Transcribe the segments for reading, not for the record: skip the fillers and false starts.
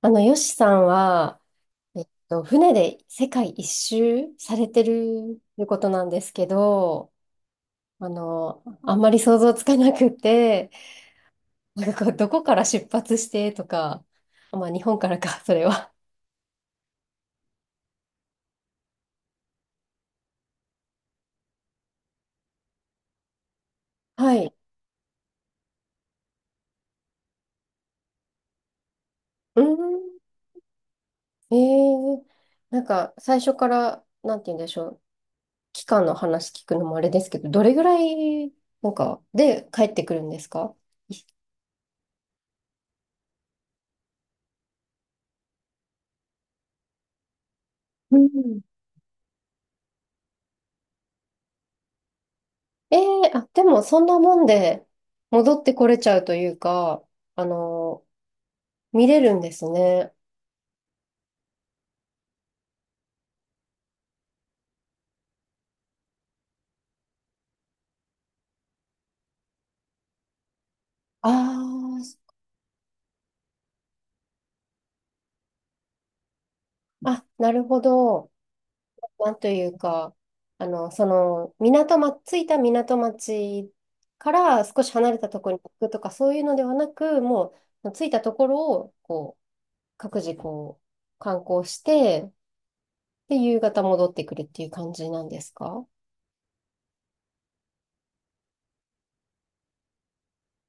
ヨシさんは、船で世界一周されてるということなんですけど、あんまり想像つかなくて、なんかこう、どこから出発してとか、まあ、日本からか、それは。はい。うーん。えー、なんか、最初から、なんて言うんでしょう、期間の話聞くのもあれですけど、どれぐらい、なんか、で帰ってくるんですか？うん。ええ、あ、でもそんなもんで戻ってこれちゃうというか、あの、見れるんですね。ああ、あ、なるほど。なんというか、着いた港町から少し離れたところに行くとか、そういうのではなく、もう、着いたところを、こう、各自こう、観光して、で、夕方戻ってくるっていう感じなんですか？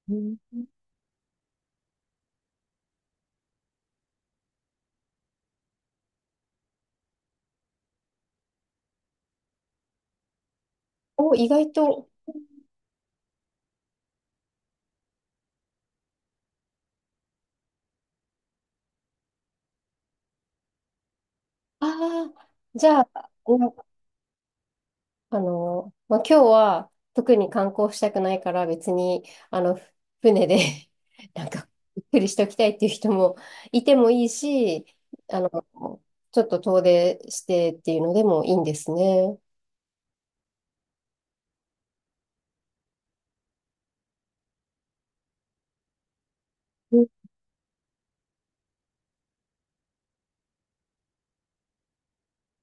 うん。お、意外と。ああ、じゃあ、まあ、今日は特に観光したくないから別に、あの、ふ船で なんか、ゆっくりしておきたいっていう人もいてもいいし、あの、ちょっと遠出してっていうのでもいいんですね。うん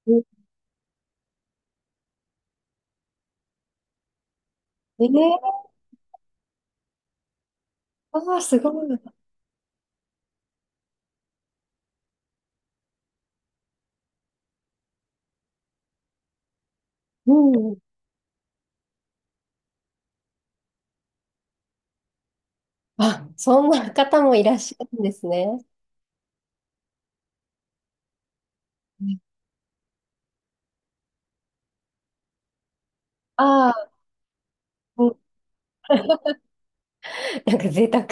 うん。えー、ああ、すごい。うん。あ、そんな方もいらっしゃるんですね。ああー、うん。 なんか贅沢。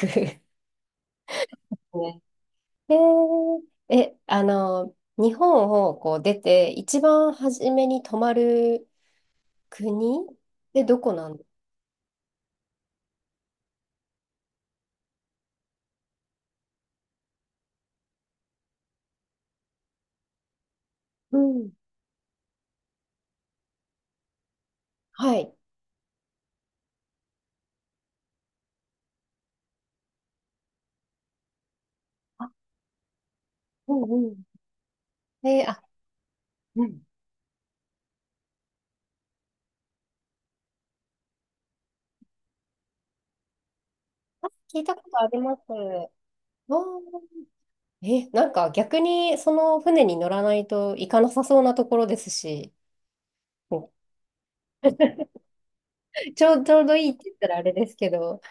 ね。へえ。え、日本をこう出て、一番初めに泊まる国でどこなんですか？うん。はい。あ、うんうん。え、あ、うん。聞いたことあります。わー。え、なんか逆にその船に乗らないと行かなさそうなところですし、うん、ちょうどいいって言ったらあれですけど、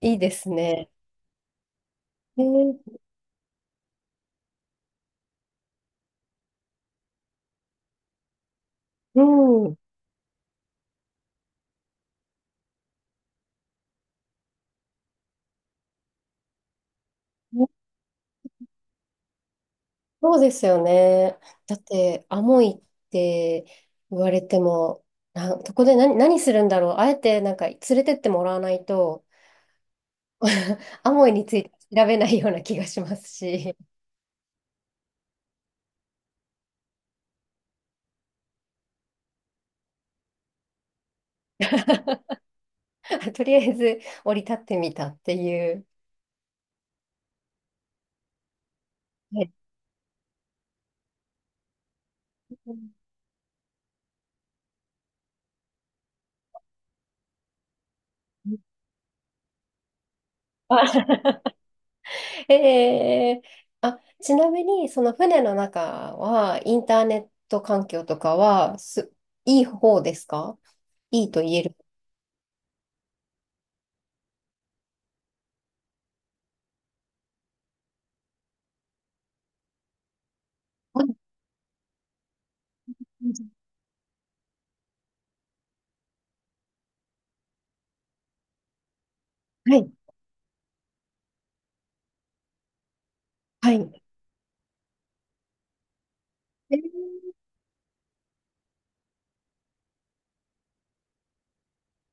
いいですね。えー。うん。そうですよね。だって、アモイって言われても、な、そこで何するんだろう。あえて、なんか、連れてってもらわないと、アモイについて調べないような気がしますし、とりあえず降り立ってみたっていう。ね。あ。 えー、あ、ちなみに、その船の中は、インターネット環境とかは、いい方ですか？いいと言える。あ、はい。はい。はい。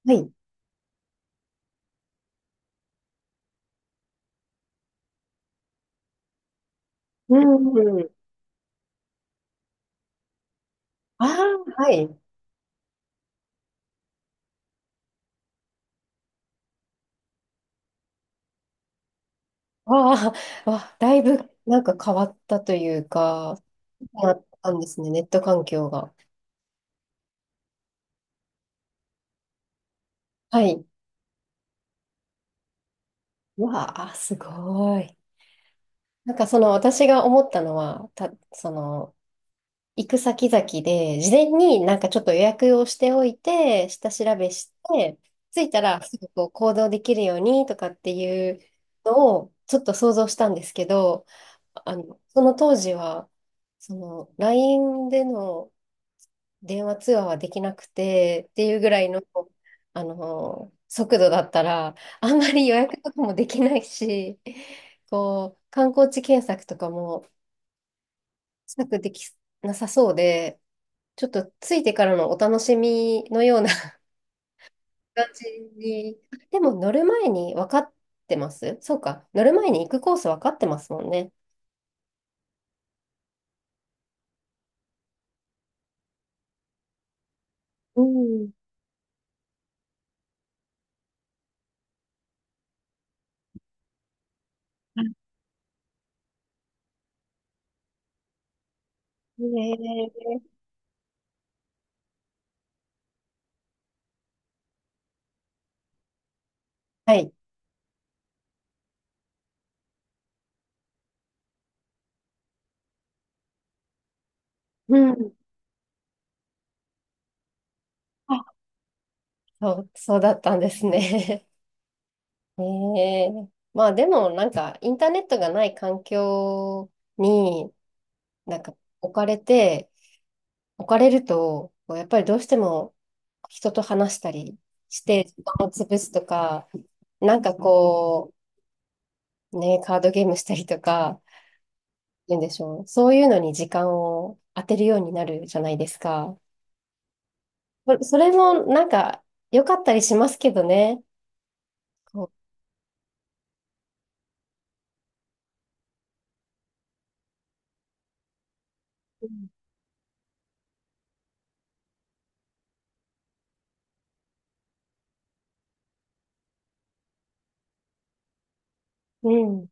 はい。うん。ああ、はい。ああ、だいぶなんか変わったというか、あったんですね、ネット環境が。はい。わあ、すごい。なんかその私が思ったのは、その、行く先々で、事前になんかちょっと予約をしておいて、下調べして、着いたらすぐこう行動できるようにとかっていうのをちょっと想像したんですけど、その当時は、その LINE での電話通話はできなくてっていうぐらいの、速度だったら、あんまり予約とかもできないし、こう、観光地検索とかもしたくできなさそうで、ちょっとついてからのお楽しみのような 感じに。あ、でも乗る前に分かってます、そうか。乗る前に行くコース分かってますもんね。うん。あ。ねえ。はい。うん。あ、そうだったんですね。ねえ。まあでもなんかインターネットがない環境になんか置かれると、こうやっぱりどうしても人と話したりして時間を潰すとか、なんかこう、ね、カードゲームしたりとか、言うんでしょう。そういうのに時間を当てるようになるじゃないですか。それもなんか良かったりしますけどね。こう、うん、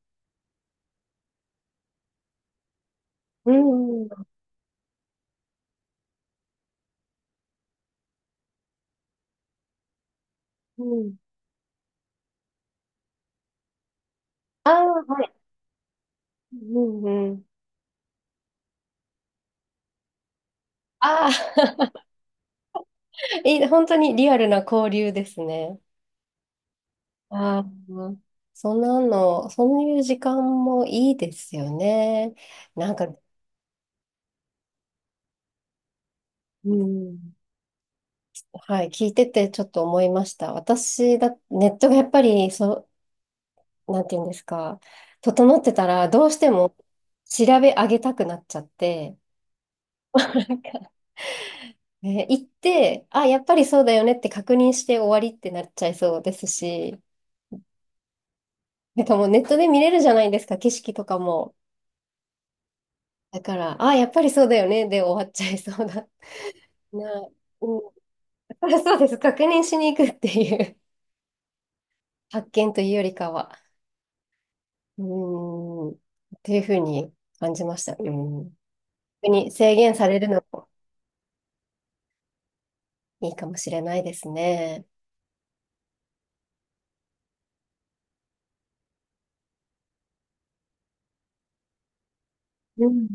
うん、うん。うん。ああ、はい。うん、うん。ああ、いい、本当にリアルな交流ですね。ああ、そんなの、そういう時間もいいですよね。なんか、うん、はい、聞いててちょっと思いました。私だ、ネットがやっぱりなんていうんですか、整ってたら、どうしても調べ上げたくなっちゃって、なんか、ね、行って、あ、やっぱりそうだよねって確認して終わりってなっちゃいそうですし、なんかもうネットで見れるじゃないですか、景色とかも。だから、あ、やっぱりそうだよねで終わっちゃいそうだな。 うん、だからそうです。確認しに行くっていう発見というよりかは、うーん、っていうふうに感じました。うん。特に制限されるのもいいかもしれないですね。うん。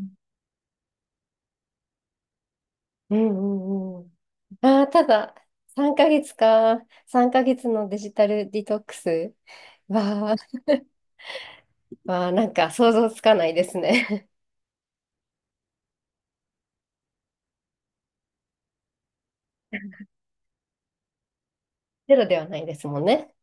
うんうんうん。ああ、ただ、3ヶ月か。3ヶ月のデジタルディトックスは、わあ、なんか想像つかないですね。ゼロではないですもんね。